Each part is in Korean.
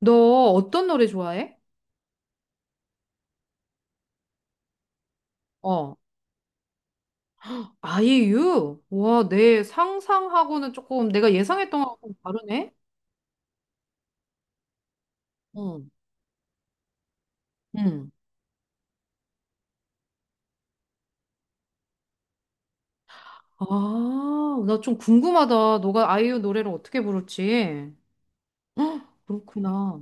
너 어떤 노래 좋아해? 어, 아이유? 와, 내 상상하고는 조금 내가 예상했던 거랑 좀 다르네? 응. 응. 아, 나 좀 궁금하다. 너가 아이유 노래를 어떻게 부를지. 헉, 그렇구나.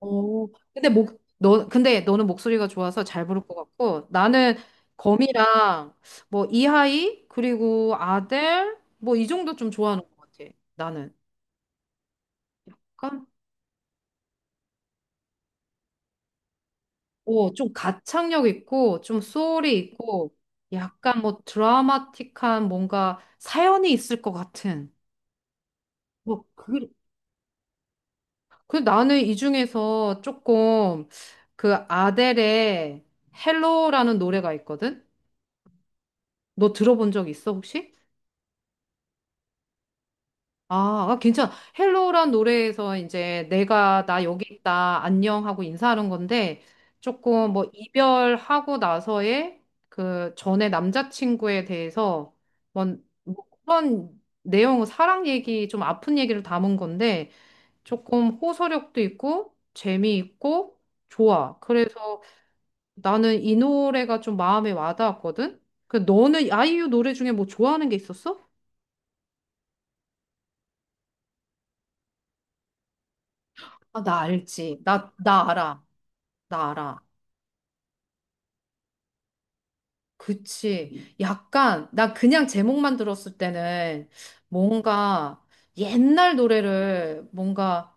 어, 근데 근데 너는 목소리가 좋아서 잘 부를 것 같고, 나는 거미랑 뭐 이하이, 그리고 아델, 뭐 이 정도 좀 좋아하는 것 같아. 나는. 그러니까 오, 좀 가창력 있고, 좀 소울이 있고, 약간 뭐 드라마틱한 뭔가 사연이 있을 것 같은. 뭐, 그, 그 나는 이 중에서 조금 그 아델의 헬로라는 노래가 있거든? 너 들어본 적 있어, 혹시? 아, 아, 괜찮아. 헬로란 노래에서 이제 내가 나 여기 있다, 안녕 하고 인사하는 건데 조금 뭐 이별하고 나서의 그 전에 남자친구에 대해서 뭐 그런 내용, 사랑 얘기, 좀 아픈 얘기를 담은 건데 조금 호소력도 있고 재미있고 좋아. 그래서 나는 이 노래가 좀 마음에 와닿았거든. 그 너는 아이유 노래 중에 뭐 좋아하는 게 있었어? 아, 나 알지. 나 알아. 나 알아. 그치. 약간, 나 그냥 제목만 들었을 때는 뭔가 옛날 노래를 뭔가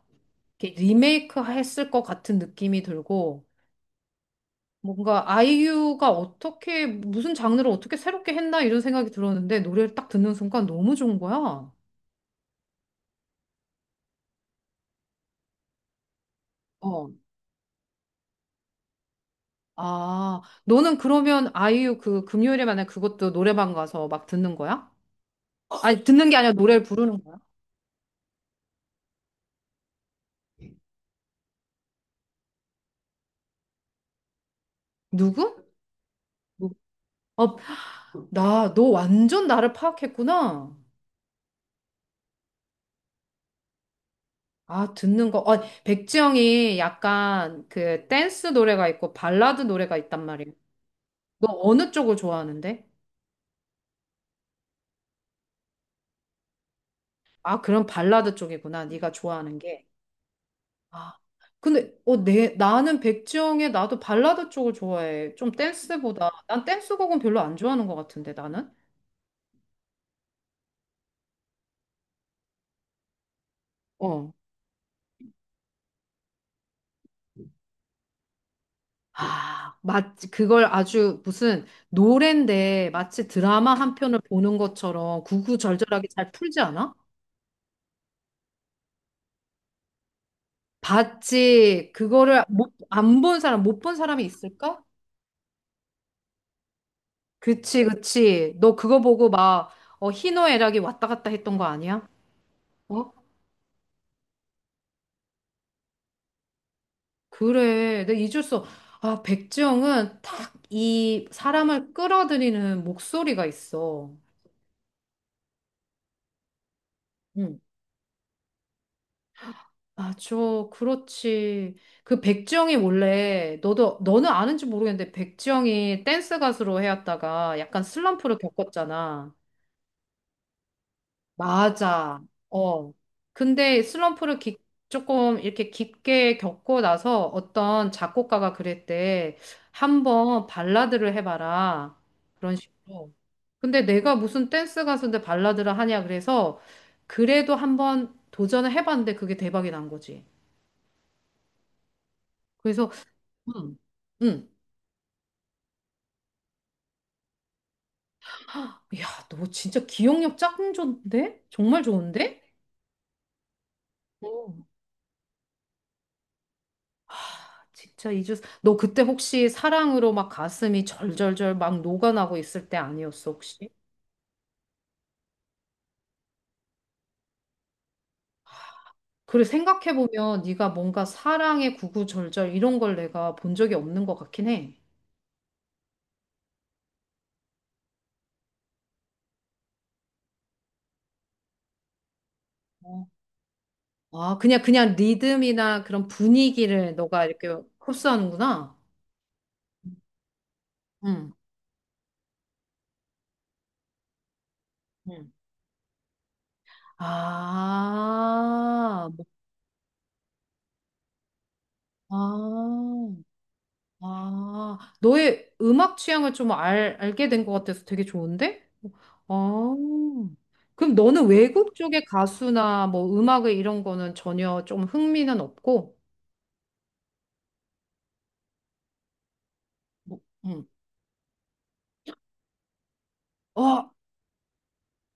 이렇게 리메이크 했을 것 같은 느낌이 들고 뭔가 아이유가 어떻게, 무슨 장르를 어떻게 새롭게 했나 이런 생각이 들었는데 노래를 딱 듣는 순간 너무 좋은 거야. 어. 아, 너는 그러면 아이유 그 금요일에 만약 그것도 노래방 가서 막 듣는 거야? 아니, 듣는 게 아니라 노래를 부르는 거야? 누구? 누구? 어. 나, 너 완전 나를 파악했구나. 아, 듣는 거. 어, 백지영이 약간 그 댄스 노래가 있고 발라드 노래가 있단 말이야. 너 어느 쪽을 좋아하는데? 아, 그럼 발라드 쪽이구나. 네가 좋아하는 게. 아, 근데 어, 나는 백지영의 나도 발라드 쪽을 좋아해. 좀 댄스보다. 난 댄스곡은 별로 안 좋아하는 것 같은데, 나는. 어. 아, 마치 그걸 아주 무슨 노랜데 마치 드라마 한 편을 보는 것처럼 구구절절하게 잘 풀지 않아? 봤지. 그거를 못 본 사람이 있을까? 그치, 그치. 너 그거 보고 막, 어, 희노애락이 왔다 갔다 했던 거 아니야? 어? 그래. 내가 잊을 수, 없- 아, 백지영은 딱 이 사람을 끌어들이는 목소리가 있어. 응. 아, 저, 그렇지. 그 백지영이 원래, 너는 아는지 모르겠는데, 백지영이 댄스 가수로 해왔다가 약간 슬럼프를 겪었잖아. 맞아. 어. 근데 슬럼프를 깊- 조금 이렇게 깊게 겪고 나서 어떤 작곡가가 그랬대. 한번 발라드를 해봐라. 그런 식으로. 근데 내가 무슨 댄스 가수인데 발라드를 하냐 그래서 그래도 한번 도전을 해봤는데 그게 대박이 난 거지. 그래서 음, 음. 야, 너 진짜 기억력 짱 좋은데? 정말 좋은데? 진짜 이주 너 그때 혹시 사랑으로 막 가슴이 절절절 막 녹아나고 있을 때 아니었어 혹시? 그래 생각해 보면 네가 뭔가 사랑의 구구절절 이런 걸 내가 본 적이 없는 것 같긴 해. 어. 아 그냥 리듬이나 그런 분위기를 너가 이렇게 흡수하는구나. 응. 응. 아, 뭐, 아. 아, 너의 음악 취향을 좀 알게 된 것 같아서 되게 좋은데? 아, 그럼 너는 외국 쪽의 가수나 뭐 음악의 이런 거는 전혀 좀 흥미는 없고? 뭐, 응. 어,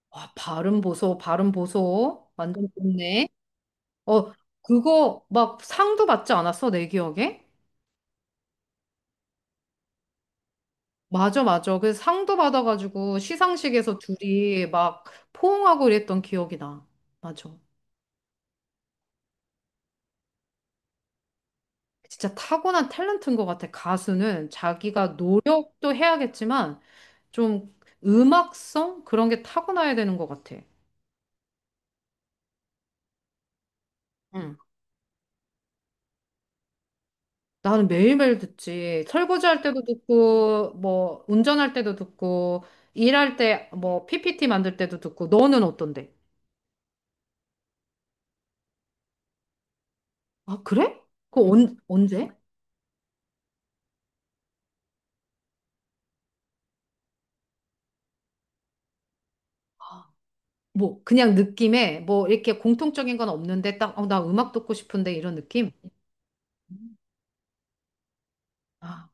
와, 발음 보소, 발음 보소. 완전 좋네. 어, 그거 막 상도 받지 않았어, 내 기억에? 맞아, 맞아. 그래서 상도 받아가지고 시상식에서 둘이 막 포옹하고 이랬던 기억이 나. 맞아. 진짜 타고난 탤런트인 것 같아. 가수는 자기가 노력도 해야겠지만 좀 음악성 그런 게 타고나야 되는 것 같아. 응. 나는 매일매일 듣지. 설거지할 때도 듣고, 뭐 운전할 때도 듣고, 일할 때 뭐 PPT 만들 때도 듣고. 너는 어떤데? 아, 그래? 그거 언제? 아, 뭐 그냥 느낌에 뭐 이렇게 공통적인 건 없는데 딱, 어, 나 음악 듣고 싶은데 이런 느낌? 아,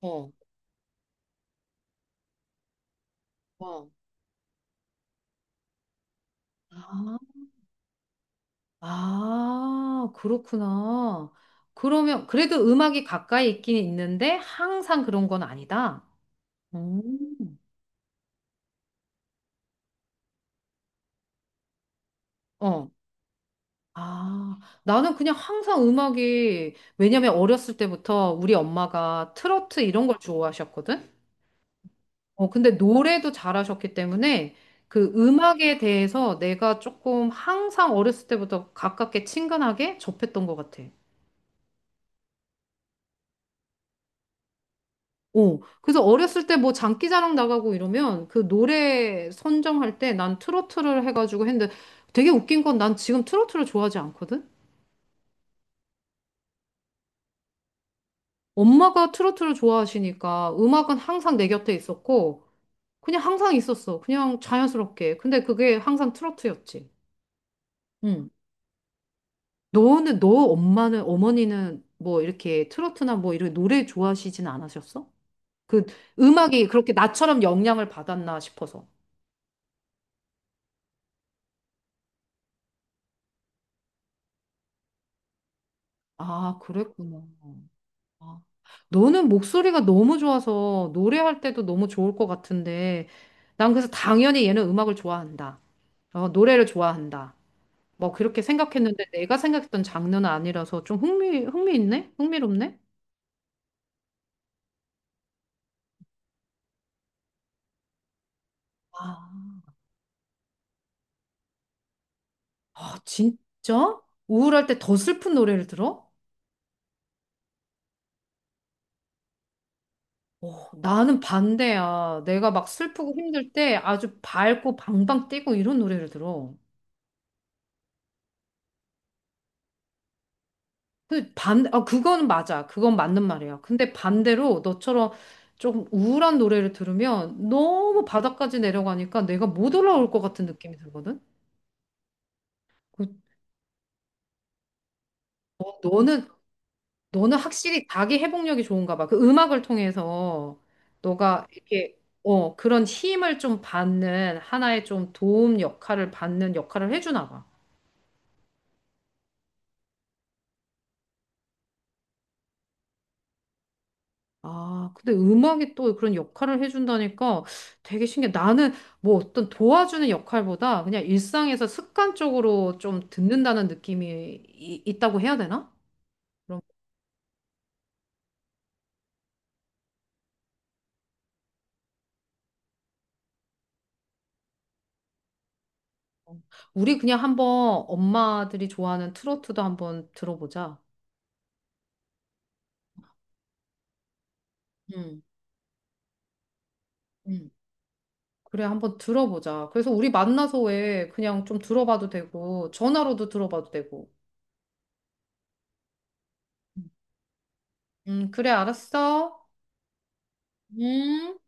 어, 어. 아. 아, 그렇구나. 그러면 그래도 음악이 가까이 있긴 있는데 항상 그런 건 아니다. 음. 어. 아, 나는 그냥 항상 음악이 왜냐면 어렸을 때부터 우리 엄마가 트로트 이런 걸 좋아하셨거든. 어, 근데 노래도 잘하셨기 때문에 그 음악에 대해서 내가 조금 항상 어렸을 때부터 가깝게 친근하게 접했던 것 같아. 어, 그래서 어렸을 때 뭐 장기자랑 나가고 이러면 그 노래 선정할 때 난 트로트를 해가지고 했는데 되게 웃긴 건 난 지금 트로트를 좋아하지 않거든? 엄마가 트로트를 좋아하시니까 음악은 항상 내 곁에 있었고 그냥 항상 있었어. 그냥 자연스럽게. 근데 그게 항상 트로트였지. 응. 너 엄마는, 어머니는 뭐 이렇게 트로트나 뭐 이런 노래 좋아하시진 않으셨어? 그 음악이 그렇게 나처럼 영향을 받았나 싶어서. 아, 그랬구나. 아, 너는 목소리가 너무 좋아서 노래할 때도 너무 좋을 것 같은데, 난 그래서 당연히 얘는 음악을 좋아한다. 어, 노래를 좋아한다. 뭐 그렇게 생각했는데 내가 생각했던 장르는 아니라서 좀 흥미있네? 흥미롭네? 아, 아, 진짜? 우울할 때 더 슬픈 노래를 들어? 어, 나는 반대야. 내가 막 슬프고 힘들 때 아주 밝고 방방 뛰고 이런 노래를 들어. 아, 그거는 맞아. 그건 맞는 말이야. 근데 반대로 너처럼 조금 우울한 노래를 들으면 너무 바닥까지 내려가니까 내가 못 올라올 것 같은 느낌이 들거든? 그, 너는, 너는 확실히 자기 회복력이 좋은가 봐. 그 음악을 통해서 너가 이렇게, 어, 그런 힘을 좀 받는, 하나의 좀 도움 역할을 받는 역할을 해주나 봐. 아, 근데 음악이 또 그런 역할을 해준다니까 되게 신기해. 나는 뭐 어떤 도와주는 역할보다 그냥 일상에서 습관적으로 좀 듣는다는 느낌이 있다고 해야 되나? 그럼 우리 그냥 한번 엄마들이 좋아하는 트로트도 한번 들어보자. 응, 응. 그래, 한번 들어보자. 그래서 우리 만나서 왜 그냥 좀 들어봐도 되고, 전화로도 들어봐도 되고. 그래, 알았어. 음.